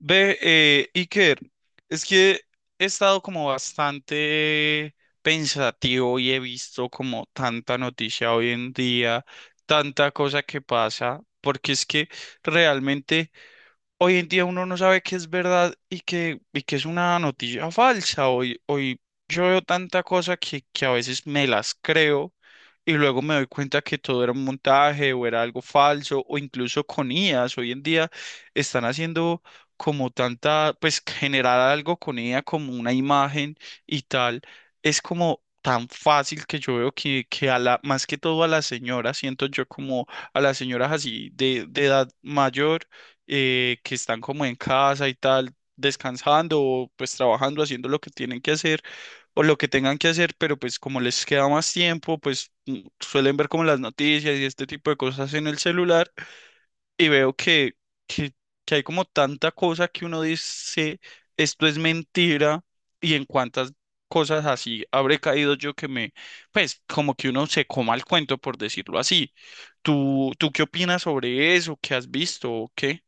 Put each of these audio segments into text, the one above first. Ve, Iker, es que he estado como bastante pensativo y he visto como tanta noticia hoy en día, tanta cosa que pasa, porque es que realmente... Hoy en día uno no sabe qué es verdad y qué es una noticia falsa. Hoy yo veo tanta cosa que a veces me las creo y luego me doy cuenta que todo era un montaje o era algo falso o incluso con IAs. Hoy en día están haciendo como tanta, pues generar algo con IA como una imagen y tal. Es como tan fácil que yo veo que a la, más que todo a las señoras, siento yo como a las señoras así de edad mayor que están como en casa y tal, descansando o pues trabajando, haciendo lo que tienen que hacer o lo que tengan que hacer, pero pues como les queda más tiempo, pues suelen ver como las noticias y este tipo de cosas en el celular y veo que, que hay como tanta cosa que uno dice, esto es mentira y en cuántas cosas así habré caído yo pues como que uno se coma el cuento por decirlo así. ¿Tú qué opinas sobre eso? ¿Qué has visto o qué?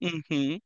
Ujú.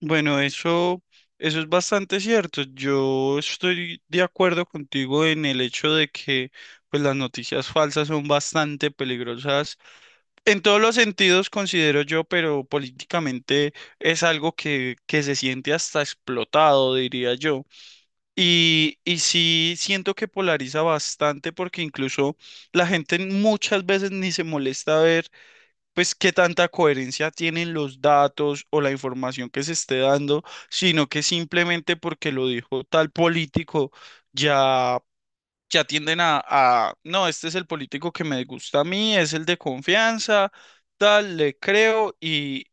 Bueno, eso, eso es bastante cierto. Yo estoy de acuerdo contigo en el hecho de que pues, las noticias falsas son bastante peligrosas. En todos los sentidos, considero yo, pero políticamente es algo que se siente hasta explotado, diría yo. Y sí siento que polariza bastante porque incluso la gente muchas veces ni se molesta a ver pues qué tanta coherencia tienen los datos o la información que se esté dando, sino que simplemente porque lo dijo tal político ya ya tienden no, este es el político que me gusta a mí, es el de confianza, tal, le creo y,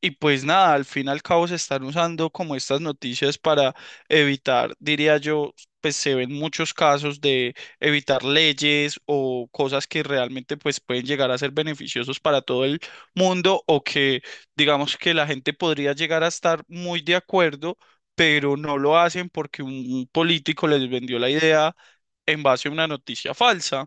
y pues nada, al fin y al cabo se están usando como estas noticias para evitar, diría yo, pues se ven muchos casos de evitar leyes o cosas que realmente pues pueden llegar a ser beneficiosos para todo el mundo o que digamos que la gente podría llegar a estar muy de acuerdo, pero no lo hacen porque un político les vendió la idea en base a una noticia falsa.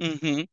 Ujú.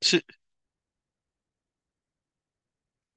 Sí,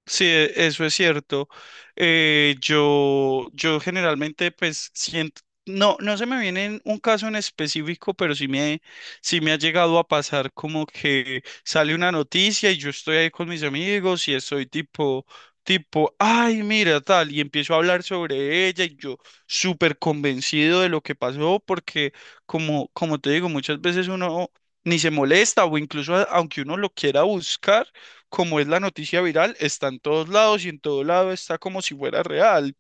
sí, e- eso es cierto. Yo generalmente, pues, siento, no se me viene en un caso en específico, pero sí me ha llegado a pasar como que sale una noticia y yo estoy ahí con mis amigos y estoy ay, mira, tal, y empiezo a hablar sobre ella y yo súper convencido de lo que pasó, porque como te digo, muchas veces uno ni se molesta o incluso aunque uno lo quiera buscar como es la noticia viral, está en todos lados y en todo lado está como si fuera real.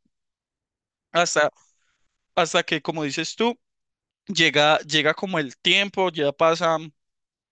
Hasta, hasta que, como dices tú, llega como el tiempo, ya pasan.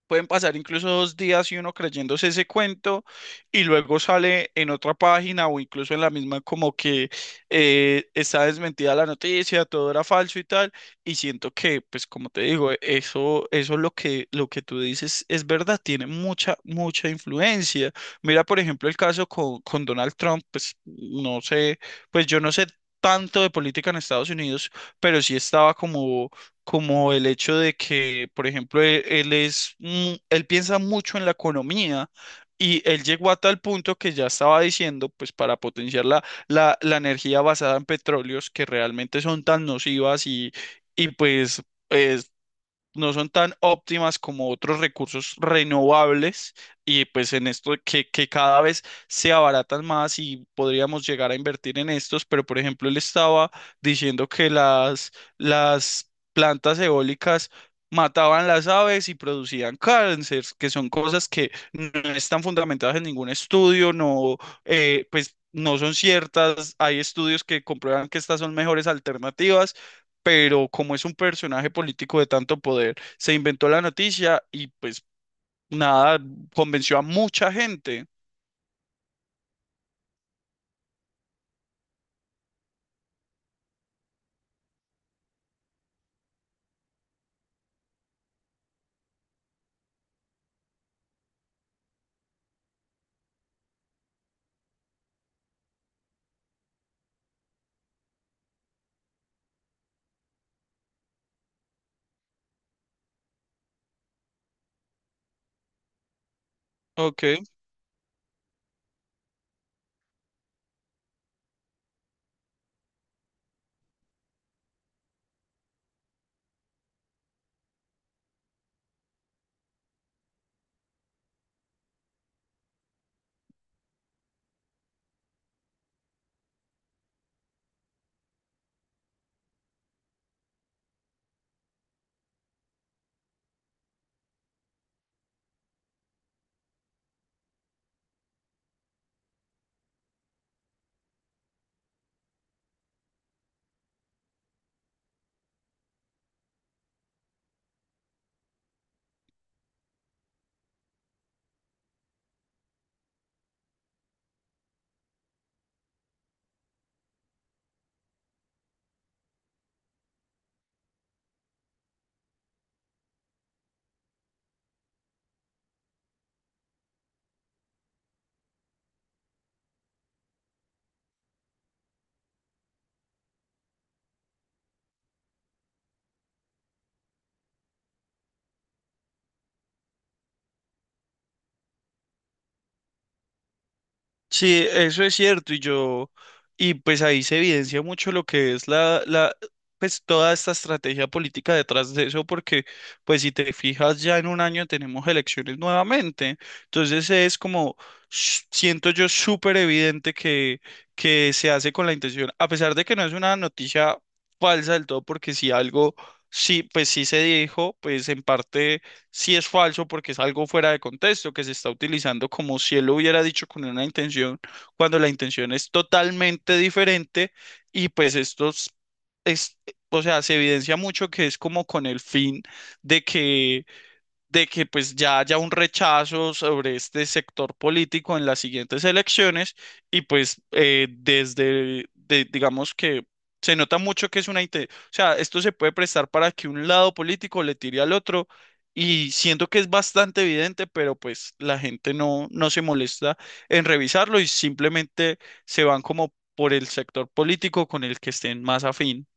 Pueden pasar incluso dos días y uno creyéndose ese cuento y luego sale en otra página o incluso en la misma como que está desmentida la noticia, todo era falso y tal. Y siento que, pues como te digo, eso es lo lo que tú dices es verdad, tiene mucha influencia. Mira, por ejemplo, el caso con Donald Trump, pues no sé, pues yo no sé tanto de política en Estados Unidos, pero sí estaba como como el hecho de que, por ejemplo, él piensa mucho en la economía y él llegó a tal punto que ya estaba diciendo, pues para potenciar la energía basada en petróleos que realmente son tan nocivas y pues no son tan óptimas como otros recursos renovables y pues en esto que cada vez se abaratan más y podríamos llegar a invertir en estos, pero por ejemplo él estaba diciendo que las plantas eólicas mataban las aves y producían cáncer, que son cosas que no están fundamentadas en ningún estudio, no, pues... No son ciertas, hay estudios que comprueban que estas son mejores alternativas, pero como es un personaje político de tanto poder, se inventó la noticia y pues nada, convenció a mucha gente. Ok. Sí, eso es cierto, y pues ahí se evidencia mucho lo que es pues toda esta estrategia política detrás de eso, porque pues si te fijas ya en un año tenemos elecciones nuevamente, entonces es como, siento yo súper evidente que se hace con la intención, a pesar de que no es una noticia falsa del todo, porque si algo, sí, pues sí se dijo, pues en parte sí es falso porque es algo fuera de contexto que se está utilizando como si él lo hubiera dicho con una intención, cuando la intención es totalmente diferente y pues esto es- o sea, se evidencia mucho que es como con el fin de que de que pues ya haya un rechazo sobre este sector político en las siguientes elecciones y pues digamos que se nota mucho que es una... O sea, esto se puede prestar para que un lado político le tire al otro y siento que es bastante evidente, pero pues la gente no se molesta en revisarlo y simplemente se van como por el sector político con el que estén más afín.